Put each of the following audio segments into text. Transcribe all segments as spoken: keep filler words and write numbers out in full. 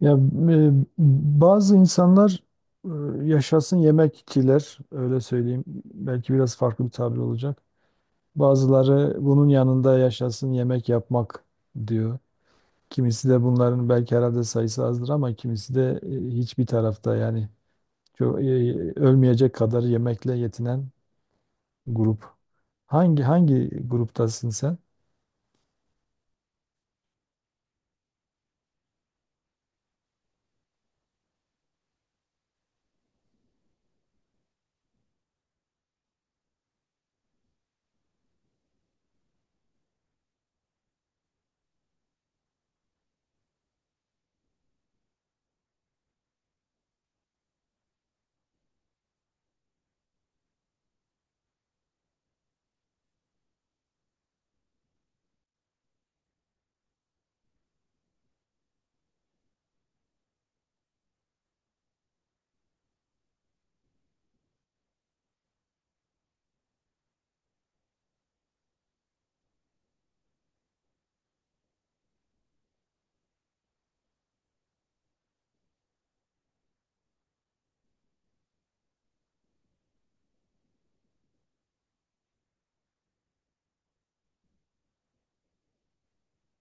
Ya e, bazı insanlar e, yaşasın yemekçiler öyle söyleyeyim. Belki biraz farklı bir tabir olacak. Bazıları bunun yanında yaşasın yemek yapmak diyor. Kimisi de bunların belki herhalde sayısı azdır ama kimisi de e, hiçbir tarafta yani çok, e, ölmeyecek kadar yemekle yetinen grup. Hangi hangi gruptasın sen?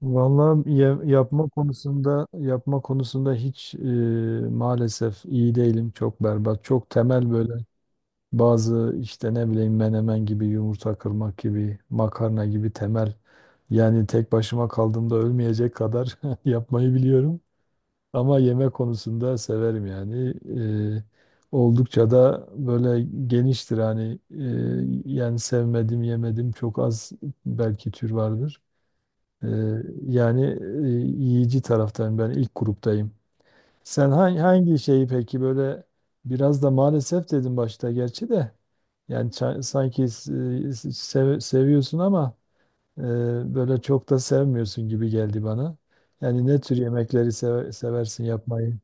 Vallahi ya- yapma konusunda yapma konusunda hiç e, maalesef iyi değilim. Çok berbat. Çok temel böyle bazı işte ne bileyim menemen gibi, yumurta kırmak gibi, makarna gibi temel. Yani tek başıma kaldığımda ölmeyecek kadar yapmayı biliyorum. Ama yemek konusunda severim yani. Eee, oldukça da böyle geniştir hani eee, yani sevmedim yemedim çok az belki tür vardır. Eee, yani eee, yiyici taraftayım ben ilk gruptayım. Sen hangi, hangi şeyi peki böyle biraz da maalesef dedim başta gerçi de yani ça- sanki s- s- sev- seviyorsun ama eee, böyle çok da sevmiyorsun gibi geldi bana. Yani ne tür yemekleri seve- seversin yapmayı?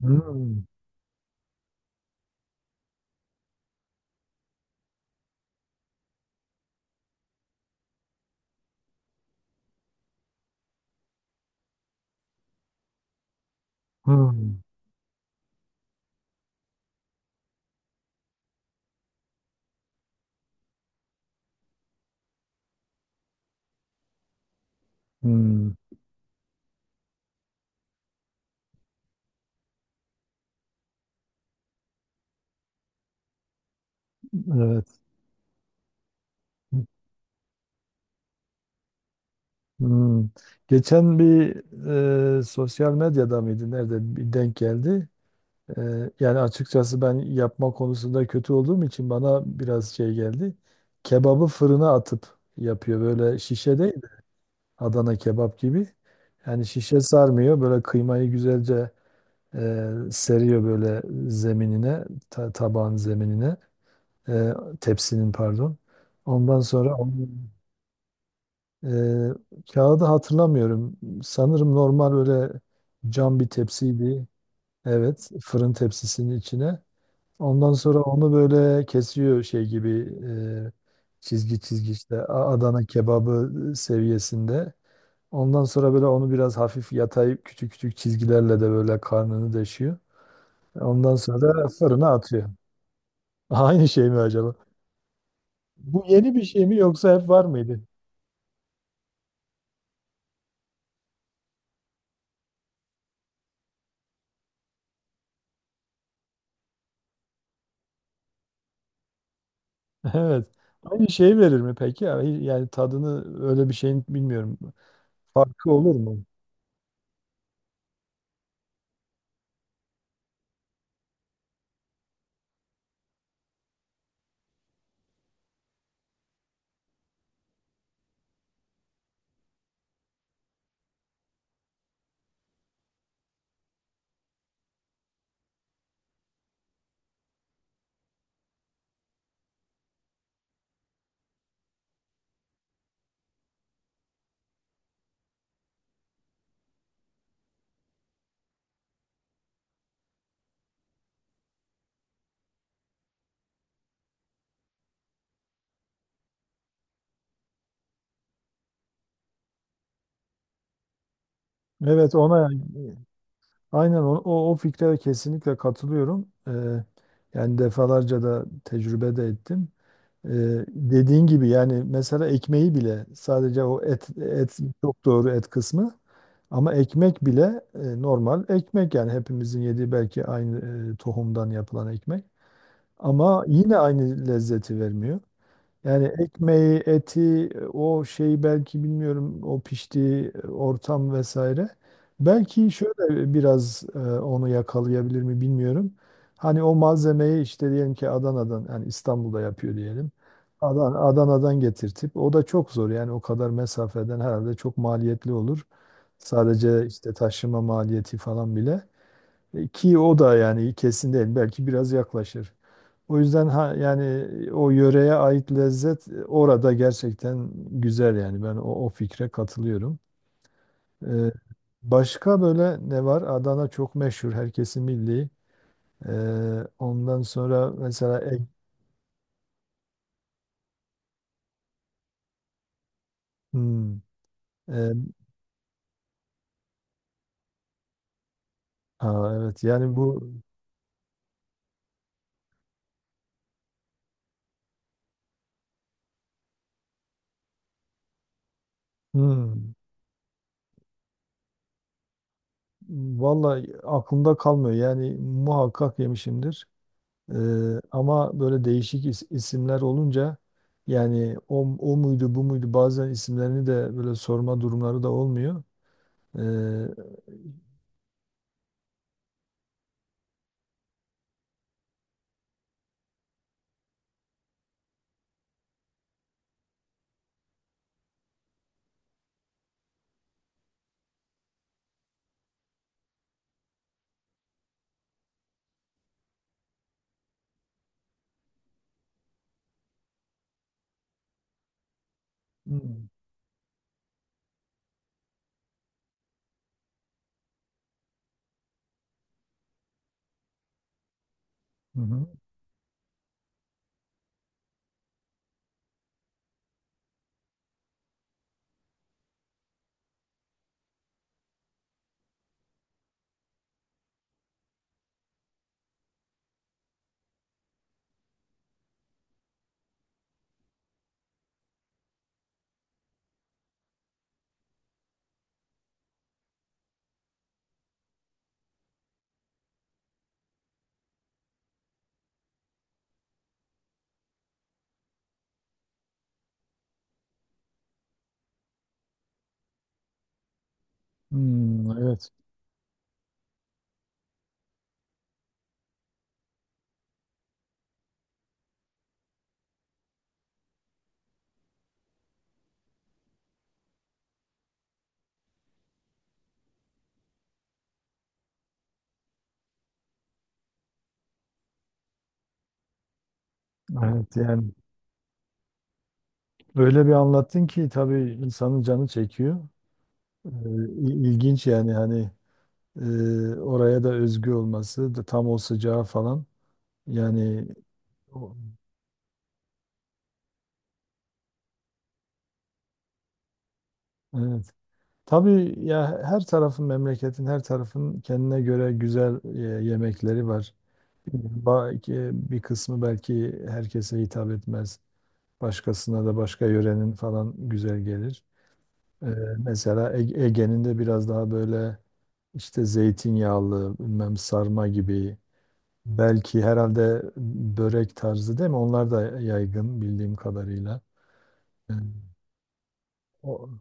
Hmm. Hmm. Hmm. Evet. Hmm. Geçen bir e, sosyal medyada mıydı? Nerede bir denk geldi. E, yani açıkçası ben yapma konusunda kötü olduğum için bana biraz şey geldi. Kebabı fırına atıp yapıyor. Böyle şişe değil. Adana kebap gibi. Yani şişe sarmıyor. Böyle kıymayı güzelce e, seriyor böyle zeminine, ta- tabağın zeminine, e, tepsinin pardon. Ondan sonra onu Ee, kağıdı hatırlamıyorum. Sanırım normal öyle cam bir tepsiydi. Evet, fırın tepsisinin içine. Ondan sonra onu böyle kesiyor şey gibi e, çizgi çizgi işte A- Adana kebabı seviyesinde. Ondan sonra böyle onu biraz hafif yatayıp küçük küçük çizgilerle de böyle karnını deşiyor. Ondan sonra fırına atıyor. Aynı şey mi acaba? Bu yeni bir şey mi yoksa hep var mıydı? Evet. Aynı şeyi verir mi peki? Yani yani tadını öyle bir şeyin bilmiyorum. Farkı olur mu? Evet ona yani, aynen o, o, o fikre kesinlikle katılıyorum. Ee, yani defalarca da tecrübe de ettim. Ee, dediğin gibi yani mesela ekmeği bile sadece o et et çok doğru et kısmı ama ekmek bile e, normal ekmek yani hepimizin yediği belki aynı e, tohumdan yapılan ekmek ama yine aynı lezzeti vermiyor. Yani ekmeği, eti, o şeyi belki bilmiyorum, o piştiği ortam vesaire. Belki şöyle biraz e, onu yakalayabilir mi bilmiyorum. Hani o malzemeyi işte diyelim ki Adana'dan, yani İstanbul'da yapıyor diyelim. Adan Adana'dan getirtip, o da çok zor yani o kadar mesafeden herhalde çok maliyetli olur. Sadece işte taşıma maliyeti falan bile. E, Ki o da yani kesin değil. Belki biraz yaklaşır. O yüzden ha, yani o yöreye ait lezzet e, orada gerçekten güzel yani ben o, o fikre katılıyorum. E, başka böyle ne var? Adana çok meşhur, herkesin milli. E, ondan sonra mesela Ege- Hmm. e, ha, evet yani bu. Hmm. Vallahi aklımda kalmıyor yani muhakkak yemişimdir. Ee, ama böyle değişik is- isimler olunca yani o, o muydu bu muydu bazen isimlerini de böyle sorma durumları da olmuyor. Ee, Hmm. Hı hı. Hmm, evet. Evet yani, öyle bir anlattın ki tabii insanın canı çekiyor. Ee, il- ilginç yani hani e, oraya da özgü olması da tam o sıcağı falan yani o- evet. Tabii ya her tarafın memleketin her tarafın kendine göre güzel e, yemekleri var. Belki bir kısmı belki herkese hitap etmez. Başkasına da başka yörenin falan güzel gelir. Ee, mesela Ege- Ege'nin de biraz daha böyle işte zeytinyağlı, bilmem sarma gibi. Belki herhalde börek tarzı değil mi? Onlar da yaygın bildiğim kadarıyla. Ee, o-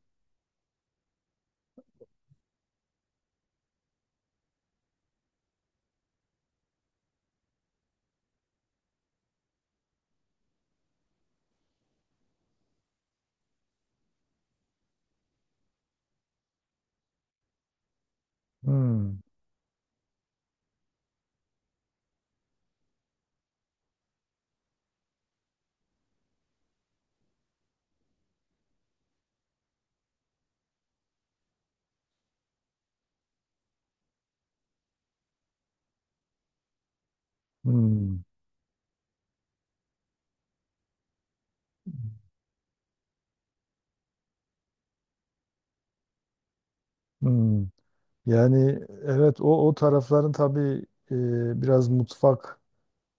Hmm. Hmm. Hmm. Yani evet o o tarafların tabii e, biraz mutfak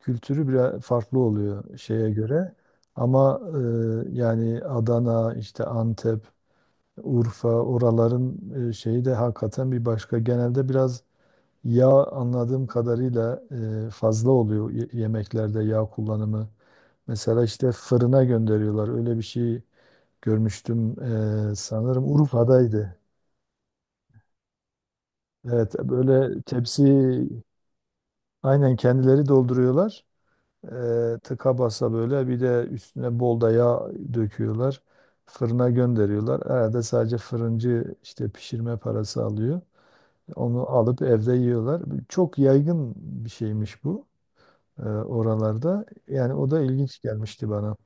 kültürü biraz farklı oluyor şeye göre. Ama e, yani Adana, işte Antep, Urfa oraların e, şeyi de hakikaten bir başka. Genelde biraz yağ anladığım kadarıyla e, fazla oluyor y- yemeklerde yağ kullanımı. Mesela işte fırına gönderiyorlar. Öyle bir şey görmüştüm e, sanırım Urfa'daydı. Evet böyle tepsi aynen kendileri dolduruyorlar. E, tıka basa böyle bir de üstüne bol da yağ döküyorlar. Fırına gönderiyorlar. Herhalde sadece fırıncı işte pişirme parası alıyor. Onu alıp evde yiyorlar. Çok yaygın bir şeymiş bu e, oralarda. Yani o da ilginç gelmişti bana.